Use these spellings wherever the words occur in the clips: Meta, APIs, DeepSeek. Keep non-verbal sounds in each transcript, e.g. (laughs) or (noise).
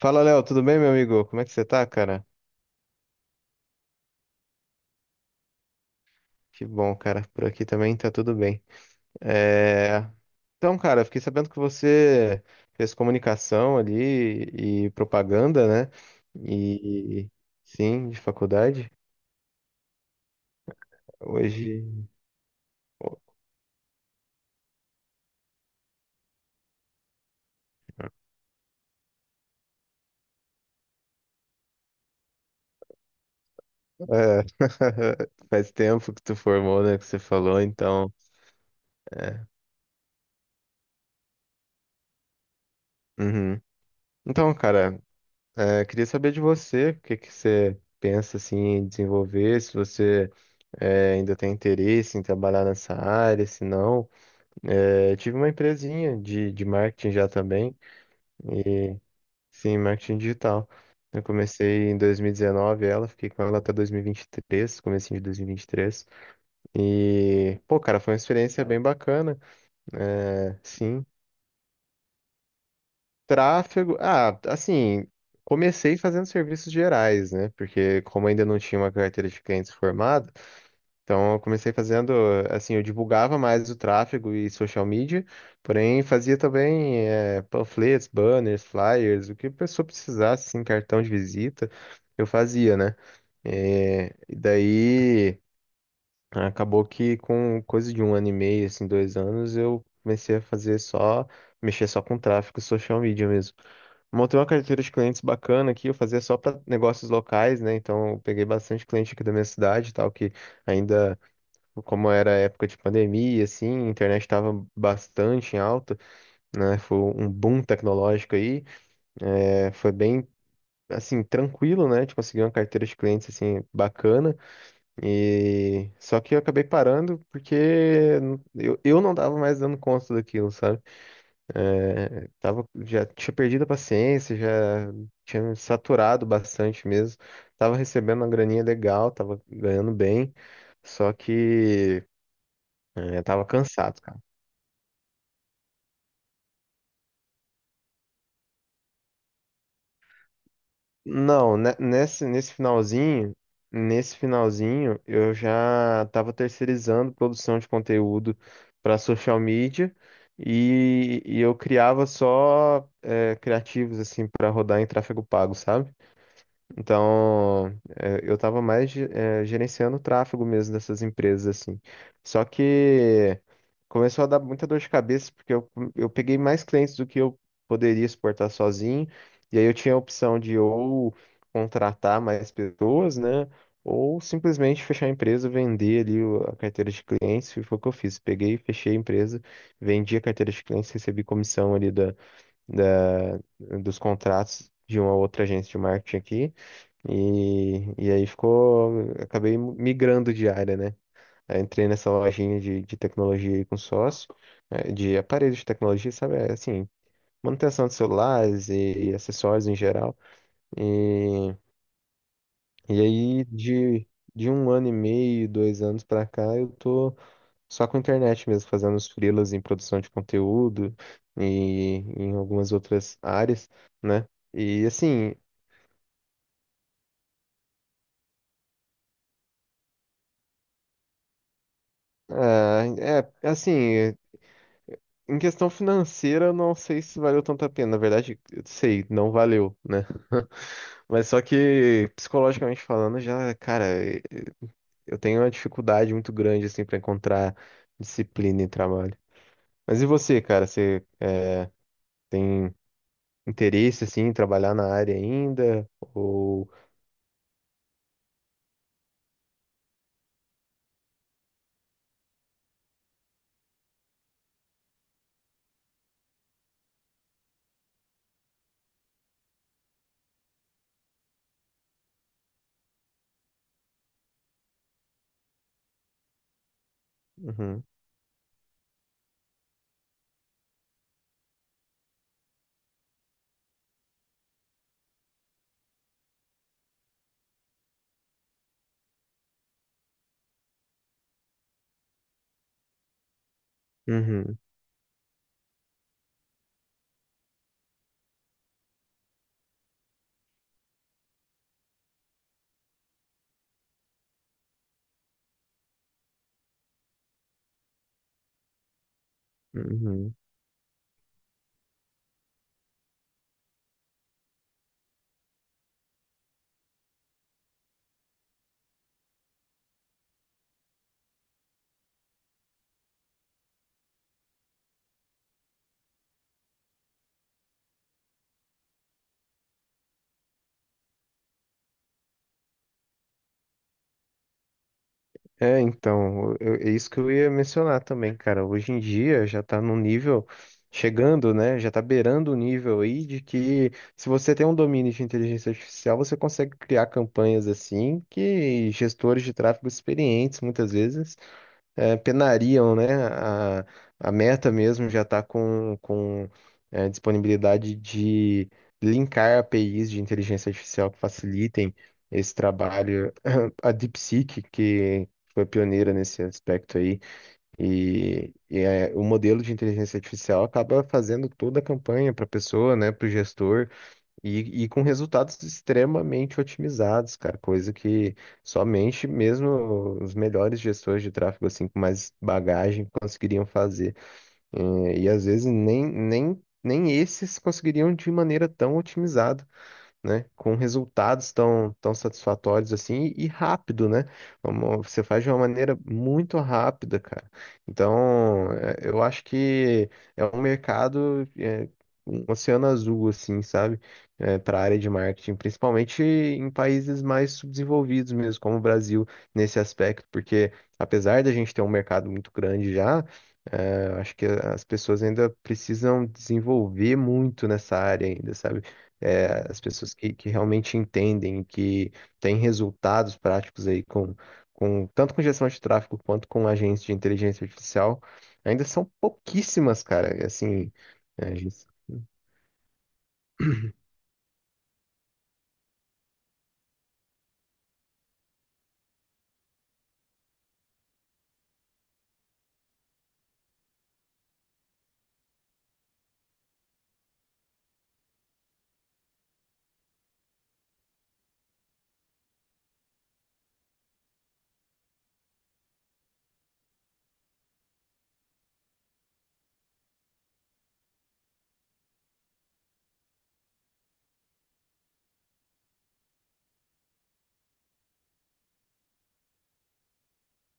Fala, Léo, tudo bem, meu amigo? Como é que você tá, cara? Que bom, cara. Por aqui também tá tudo bem. É, Então, cara, eu fiquei sabendo que você fez comunicação ali e propaganda, né? E sim, de faculdade. Hoje é, (laughs) Faz tempo que tu formou, né? Que você falou, então. é, Uhum. Então, cara. Queria saber de você, o que que você pensa assim, em desenvolver, se você ainda tem interesse em trabalhar nessa área, se não. É, eu tive uma empresinha de marketing já também. E sim, marketing digital. Eu comecei em 2019 ela, fiquei com ela até 2023, comecinho de 2023. E, vinte e três. E, pô, cara, foi uma experiência bem bacana. É, sim, tráfego. Ah, assim, comecei fazendo serviços gerais, né? Porque como ainda não tinha uma carteira de clientes formada, então eu comecei fazendo, assim, eu divulgava mais o tráfego e social media, porém fazia também panfletos, banners, flyers, o que a pessoa precisasse, assim, cartão de visita, eu fazia, né? E daí acabou que com coisa de um ano e meio, assim, 2 anos, eu comecei a fazer só, mexer só com tráfego e social media mesmo. Montei uma carteira de clientes bacana aqui, eu fazia só para negócios locais, né? Então eu peguei bastante cliente aqui da minha cidade, e tal, que ainda, como era época de pandemia, assim, a internet estava bastante em alta, né? Foi um boom tecnológico aí, foi bem, assim, tranquilo, né? De conseguir uma carteira de clientes, assim, bacana, e só que eu acabei parando porque eu não tava mais dando conta daquilo, sabe? É, tava, já tinha perdido a paciência, já tinha me saturado bastante mesmo. Tava recebendo uma graninha legal, tava ganhando bem, só que tava cansado, cara. Não, nesse finalzinho, eu já estava terceirizando produção de conteúdo para social media e eu criava só criativos assim para rodar em tráfego pago, sabe? Então, eu estava mais gerenciando o tráfego mesmo dessas empresas, assim. Só que começou a dar muita dor de cabeça, porque eu peguei mais clientes do que eu poderia suportar sozinho. E aí eu tinha a opção de ou contratar mais pessoas, né? Ou simplesmente fechar a empresa, vender ali a carteira de clientes. E foi o que eu fiz. Peguei, fechei a empresa, vendi a carteira de clientes, recebi comissão ali da, dos contratos de uma outra agência de marketing aqui. E aí ficou, acabei migrando de área, né? Aí entrei nessa lojinha de tecnologia aí com sócio, de aparelhos de tecnologia, sabe? É, assim, manutenção de celulares e acessórios em geral. E, e aí de um ano e meio, 2 anos pra cá, eu tô só com a internet mesmo, fazendo os freelas em produção de conteúdo e em algumas outras áreas, né? E assim, ah, é assim, em questão financeira, eu não sei se valeu tanto a pena. Na verdade, eu sei, não valeu, né? (laughs) Mas só que psicologicamente falando, já, cara, eu tenho uma dificuldade muito grande assim para encontrar disciplina em trabalho. Mas e você, cara? Você tem interesse assim em trabalhar na área ainda? Ou Uhum. Uhum. Uhum. É, então, é isso que eu ia mencionar também, cara. Hoje em dia já tá num nível chegando, né? Já tá beirando o nível aí de que se você tem um domínio de inteligência artificial, você consegue criar campanhas assim que gestores de tráfego experientes muitas vezes penariam, né? A Meta mesmo já está com disponibilidade de linkar APIs de inteligência artificial que facilitem esse trabalho. (clears throat) A DeepSeek, que foi pioneira nesse aspecto aí, o modelo de inteligência artificial acaba fazendo toda a campanha para a pessoa, né, para o gestor. E com resultados extremamente otimizados, cara, coisa que somente mesmo os melhores gestores de tráfego, assim, com mais bagagem, conseguiriam fazer. E, às vezes nem esses conseguiriam de maneira tão otimizada, né? Com resultados tão satisfatórios assim e rápido, né? Você faz de uma maneira muito rápida, cara. Então, eu acho que é um mercado, um oceano azul, assim, sabe? Para a área de marketing, principalmente em países mais subdesenvolvidos mesmo, como o Brasil, nesse aspecto, porque apesar da gente ter um mercado muito grande já, acho que as pessoas ainda precisam desenvolver muito nessa área ainda, sabe? As pessoas que realmente entendem, que têm resultados práticos aí com tanto com gestão de tráfego quanto com agentes de inteligência artificial, ainda são pouquíssimas, cara. Assim, a gente-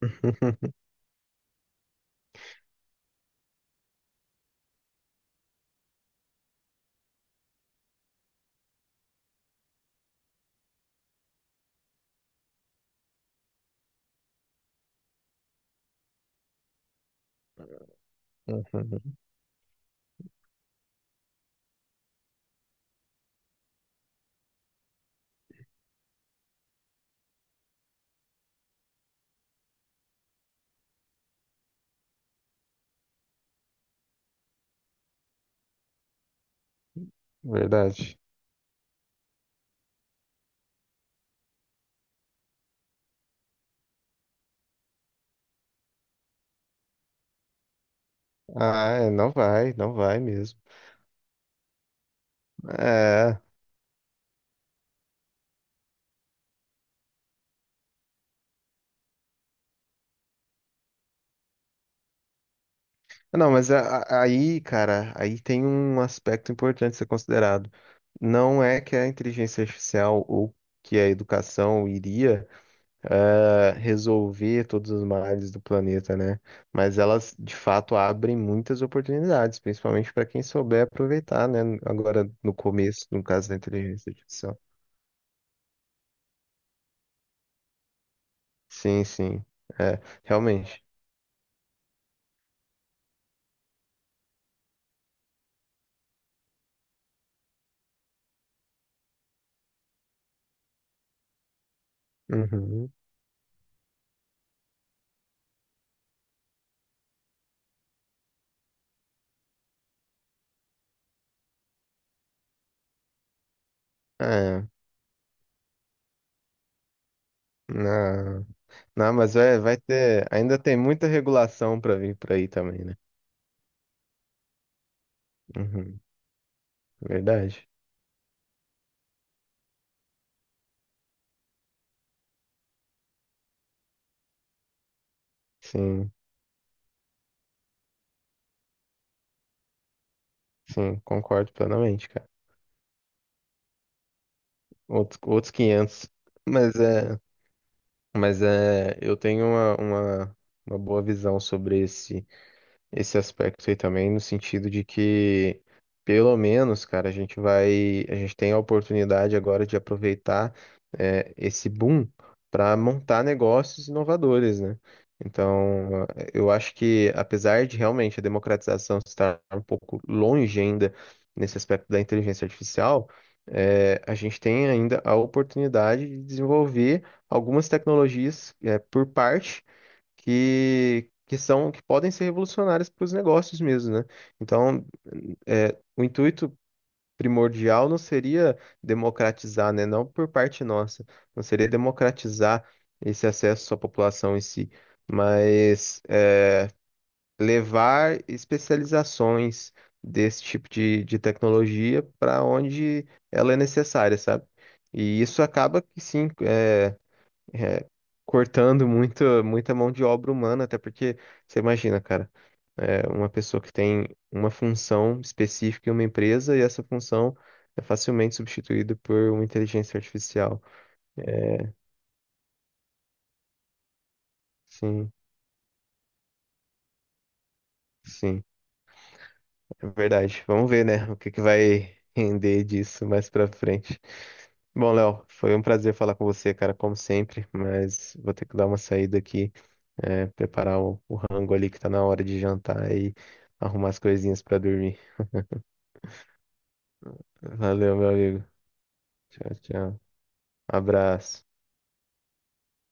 (laughs) Uhum, verdade. Ah, é, não vai, não vai mesmo. É. Não, mas aí, cara, aí tem um aspecto importante a ser considerado. Não é que a inteligência artificial ou que a educação iria resolver todos os males do planeta, né? Mas elas, de fato, abrem muitas oportunidades, principalmente para quem souber aproveitar, né? Agora, no começo, no caso da inteligência artificial. Sim, sim. É, realmente. Uhum. É. Não, não, mas vai, vai ter. Ainda tem muita regulação para vir por aí também, né? Uhum. Verdade. Sim, sim, concordo plenamente, cara. Outros 500. Mas é. Mas é, eu tenho uma boa visão sobre esse aspecto aí também, no sentido de que, pelo menos, cara, a gente tem a oportunidade agora de aproveitar esse boom para montar negócios inovadores, né? Então, eu acho que, apesar de realmente a democratização estar um pouco longe ainda nesse aspecto da inteligência artificial, a gente tem ainda a oportunidade de desenvolver algumas tecnologias por parte que são que podem ser revolucionárias para os negócios mesmo, né? Então, o intuito primordial não seria democratizar, né? Não por parte nossa, não seria democratizar esse acesso à população em si, mas levar especializações desse tipo de tecnologia para onde ela é necessária, sabe? E isso acaba que sim, é, cortando muito, muita mão de obra humana, até porque você imagina, cara, uma pessoa que tem uma função específica em uma empresa e essa função é facilmente substituída por uma inteligência artificial. Sim, sim, é verdade. Vamos ver, né, o que que vai (laughs) render disso mais pra frente. Bom, Léo, foi um prazer falar com você, cara, como sempre, mas vou ter que dar uma saída aqui. Preparar o rango ali que tá na hora de jantar e arrumar as coisinhas pra dormir. Valeu, meu amigo. Tchau, tchau. Abraço.